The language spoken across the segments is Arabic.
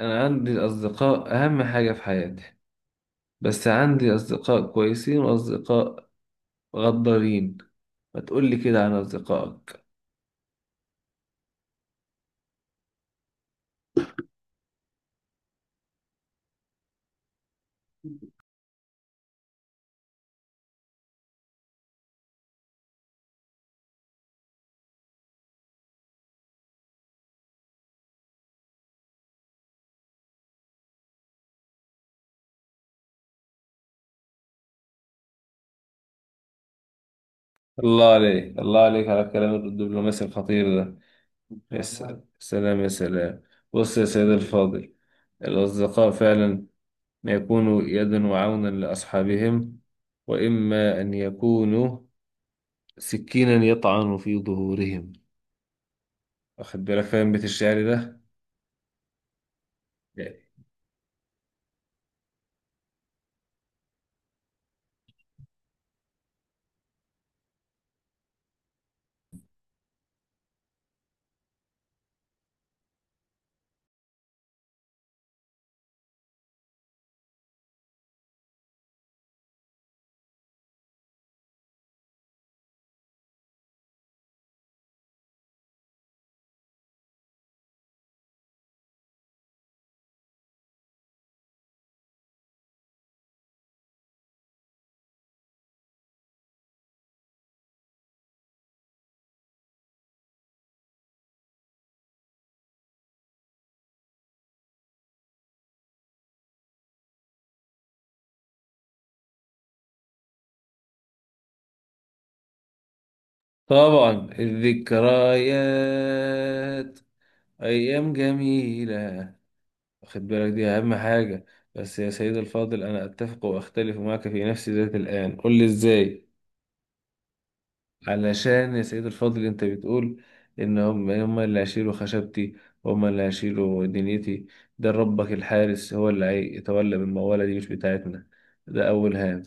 أنا عندي أصدقاء أهم حاجة في حياتي، بس عندي أصدقاء كويسين وأصدقاء غدارين. ما تقولي كده عن أصدقائك. الله عليك الله عليك على الكلام الدبلوماسي الخطير ده. يا سلام سلام يا سلام. بص يا سيد الفاضل، الأصدقاء فعلا ما يكونوا يدا وعونا لأصحابهم، وإما أن يكونوا سكينا يطعن في ظهورهم. واخد بالك فاهم بيت الشعر ده؟ طبعا الذكريات أيام جميلة، واخد بالك دي أهم حاجة. بس يا سيد الفاضل أنا أتفق وأختلف معك في نفس ذات الآن، قل لي إزاي. علشان يا سيد الفاضل انت بتقول ان هم اللي هيشيلوا خشبتي، هم اللي هيشيلوا دنيتي. ده ربك الحارس هو اللي هيتولى، بالموالة دي مش بتاعتنا. ده اول هام.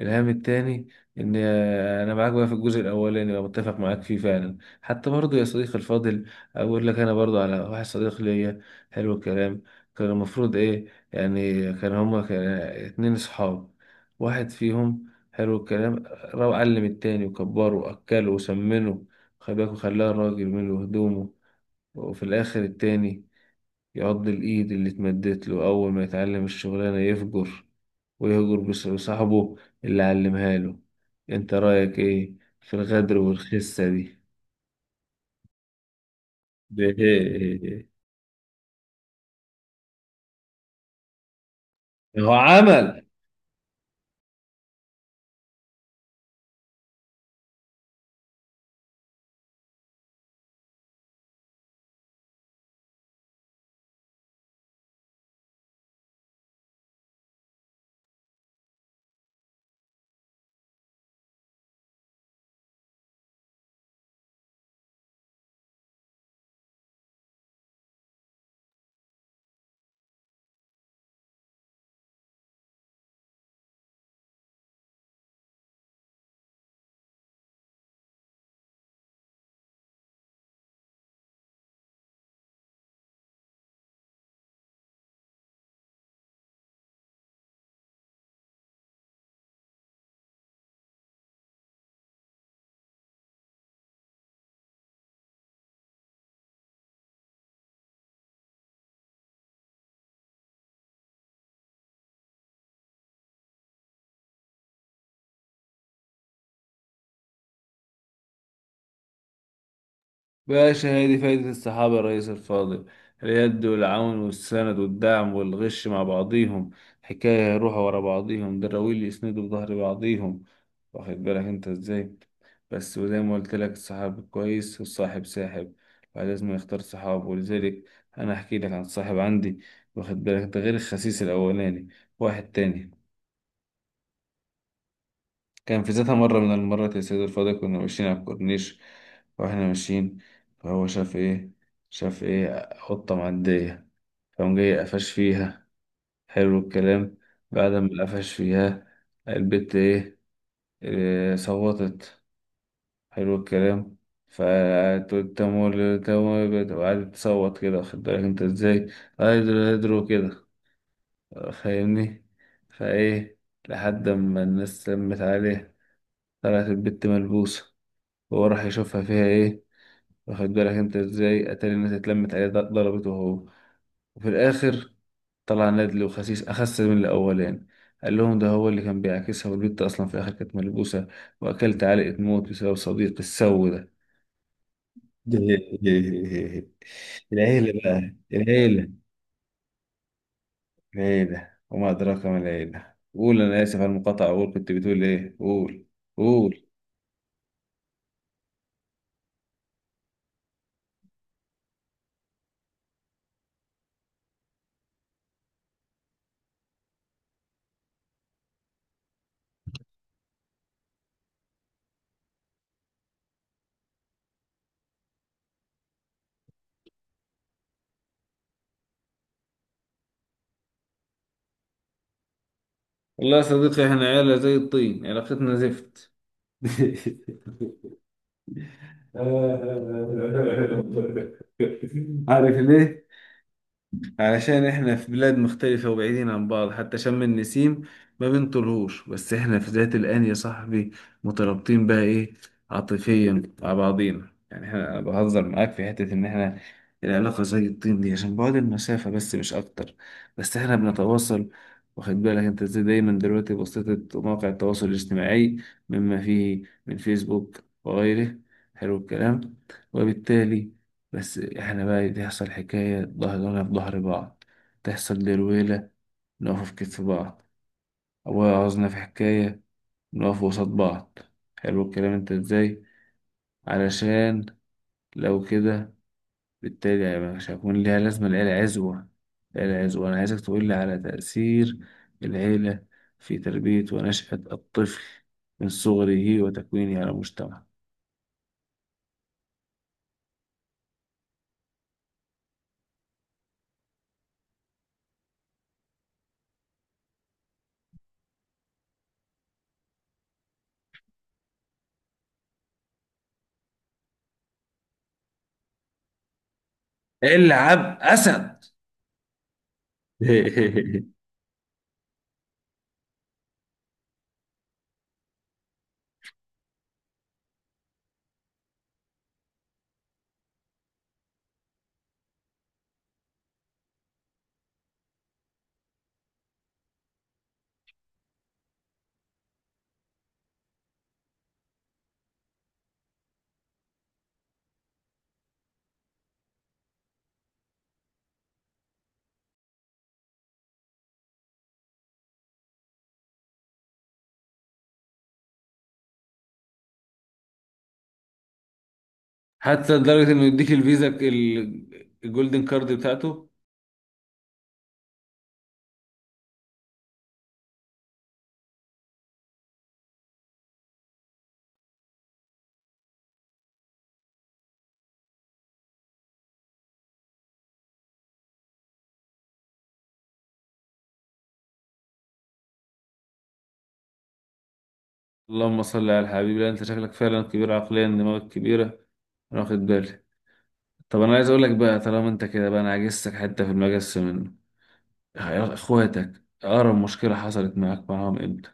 الهام التاني ان انا معاك بقى في الجزء الاولاني، بقى متفق معاك فيه فعلا. حتى برضو يا صديقي الفاضل اقول لك انا برضو على واحد صديق ليا. حلو الكلام. كان المفروض ايه؟ يعني كان هما كان اتنين صحاب، واحد فيهم حلو الكلام راح علم التاني وكبره وأكله وسمنه، خباك وخلاه راجل منه هدومه. وفي الآخر التاني يعض الإيد اللي اتمدت له أول ما يتعلم الشغلانة، يفجر ويهجر بصاحبه اللي علمها له. أنت رأيك إيه في الغدر والخسة دي؟ ده إيه إيه؟ إيه. هو عمل. باشا هي دي فايدة الصحابة يا ريس الفاضل، اليد والعون والسند والدعم والغش مع بعضيهم. حكاية يروحوا ورا بعضيهم دراويل، يسندوا بظهر بعضيهم، واخد بالك انت ازاي. بس وزي ما قلت لك الصاحب كويس والصاحب ساحب، فلازم يختار صحابه. ولذلك انا احكي لك عن صاحب عندي، واخد بالك، ده غير الخسيس الاولاني، واحد تاني. كان في ذاتها مرة من المرات يا سيد الفاضل كنا ماشيين على الكورنيش، واحنا ماشيين فهو شاف ايه، شاف ايه؟ قطة معدية. فقام جاي قفش فيها. حلو الكلام. بعد ما قفش فيها البت ايه، إيه صوتت. حلو الكلام. فتقول تمول تمول وقعدت تصوت كده، واخد بالك انت ازاي، هيدرو هيدرو كده، فاهمني. فايه؟ لحد ما الناس لمت عليه، طلعت البت ملبوسة. وهو راح يشوفها فيها ايه، واخد بالك انت ازاي. اتاري الناس اتلمت عليه ضربته هو. وفي الاخر طلع نادلي وخسيس، اخس من الاولاني، قال لهم ده هو اللي كان بيعاكسها، والبت اصلا في الاخر كانت ملبوسه، واكلت علقه موت بسبب صديق السو ده. العيلة بقى العيلة. العيلة وما أدراك ما العيلة. قول انا اسف على المقاطعه، قول كنت بتقول ايه، قول قول. والله يا صديقي احنا عيله زي الطين، علاقتنا زفت. عارف ليه؟ علشان احنا في بلاد مختلفة وبعيدين عن بعض، حتى شم النسيم ما بنطلهوش. بس احنا في ذات الآن يا صاحبي مترابطين بقى ايه، عاطفيا مع بعضينا. يعني احنا انا بهزر معاك في حتة ان احنا العلاقة زي الطين دي عشان بعد المسافة، بس مش اكتر. بس احنا بنتواصل، واخد بالك انت ازاي، دايما دلوقتي بواسطة مواقع التواصل الاجتماعي، مما فيه من فيسبوك وغيره. حلو الكلام. وبالتالي بس احنا بقى تحصل حكاية ظهرنا في ظهر بعض، تحصل درويلة، نقف في كتف بعض. أبويا عاوزنا في حكاية نقف وسط بعض. حلو الكلام انت ازاي. علشان لو كده، بالتالي هيبقى مش هيكون ليها لازمة العيلة عزوة. العيلة عزوة. أنا عايزك تقول لي على تأثير العيلة في تربية ونشأة الطفل من صغره وتكوينه على المجتمع. العب أسد. حتى لدرجة انه يديك الفيزا الجولدن كارد بتاعته. اللهم صل على الحبيب. لا انت شكلك فعلا كبير عقليا، دماغك كبيرة، انا واخد بالي. طب انا عايز اقول لك بقى، طالما انت كده بقى انا عجزتك حتة في المجس منه، يا اخواتك اقرب مشكلة حصلت معاك معاهم امتى؟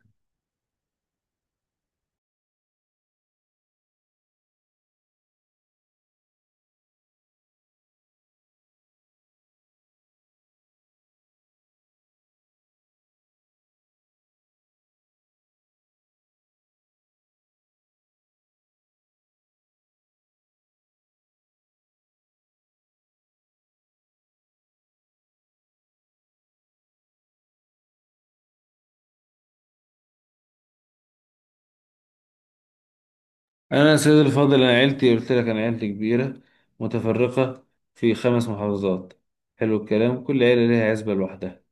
انا يا سيدي الفاضل، انا عيلتي قلت لك، انا عيلتي كبيرة متفرقة في 5 محافظات. حلو الكلام. كل عيلة ليها عزبة لوحدها.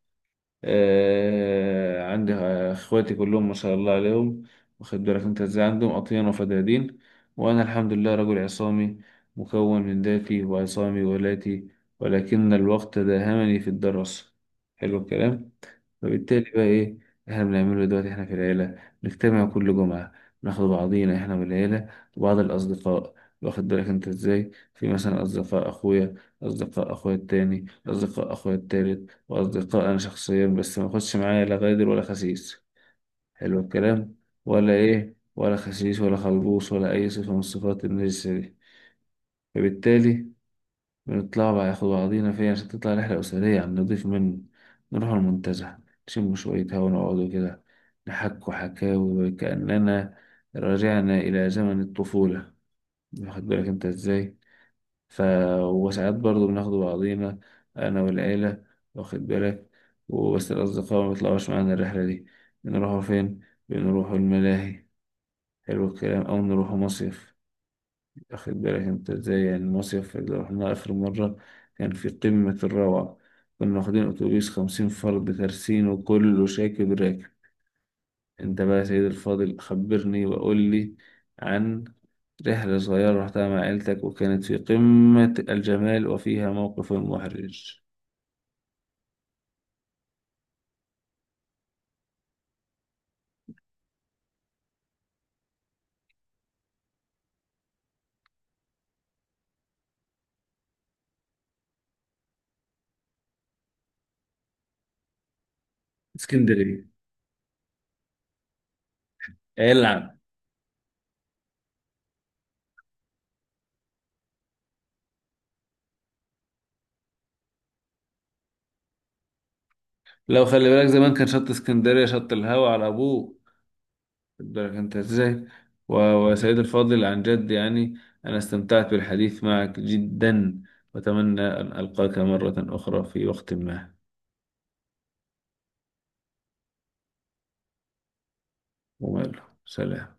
عندي اخواتي كلهم ما شاء الله عليهم، واخد بالك انت ازاي، عندهم اطيان وفدادين. وانا الحمد لله رجل عصامي، مكون من ذاتي، وعصامي ولاتي، ولكن الوقت داهمني في الدراسة. حلو الكلام. فبالتالي بقى ايه احنا بنعمله دلوقتي؟ احنا في العيلة نجتمع كل جمعة، ناخد بعضينا احنا والعيلة وبعض الأصدقاء، واخد بالك انت ازاي، في مثلا أصدقاء أخويا، أصدقاء أخويا التاني، أصدقاء أخويا التالت، وأصدقاء أنا شخصيا. بس ما أخدش معايا لا غادر ولا خسيس، حلو الكلام، ولا إيه، ولا خسيس ولا خلبوس، ولا أي صفة من صفات النجسة دي. فبالتالي بنطلع بقى ياخد بعضينا فيها عشان تطلع رحلة أسرية على النضيف منه. نروح المنتزه، نشم شوية هوا ونقعدوا كده، نحكوا حكاوي كأننا رجعنا إلى زمن الطفولة، واخد بالك أنت إزاي. ف وساعات برضه بناخد بعضينا أنا والعيلة، واخد بالك، وبس الأصدقاء ما بيطلعوش معانا الرحلة دي. بنروحوا فين؟ بنروحوا الملاهي، حلو الكلام، أو نروحوا مصيف. واخد بالك انت ازاي، يعني المصيف اللي رحناه آخر مرة كان في قمة الروعة. كنا واخدين أتوبيس 50 فرد ترسين وكله شاكب راكب. انت بقى يا سيدي الفاضل خبرني وقول لي عن رحلة صغيرة رحتها مع عيلتك وكانت في قمة الجمال وفيها موقف محرج. اسكندرية. العب. لو خلي بالك زمان كان شط اسكندرية شط الهوا على أبوه الدرجة، أنت إزاي. و- وسيد الفاضل عن جد يعني أنا استمتعت بالحديث معك جدا، وأتمنى أن ألقاك مرة أخرى في وقت ما. وماله، سلام.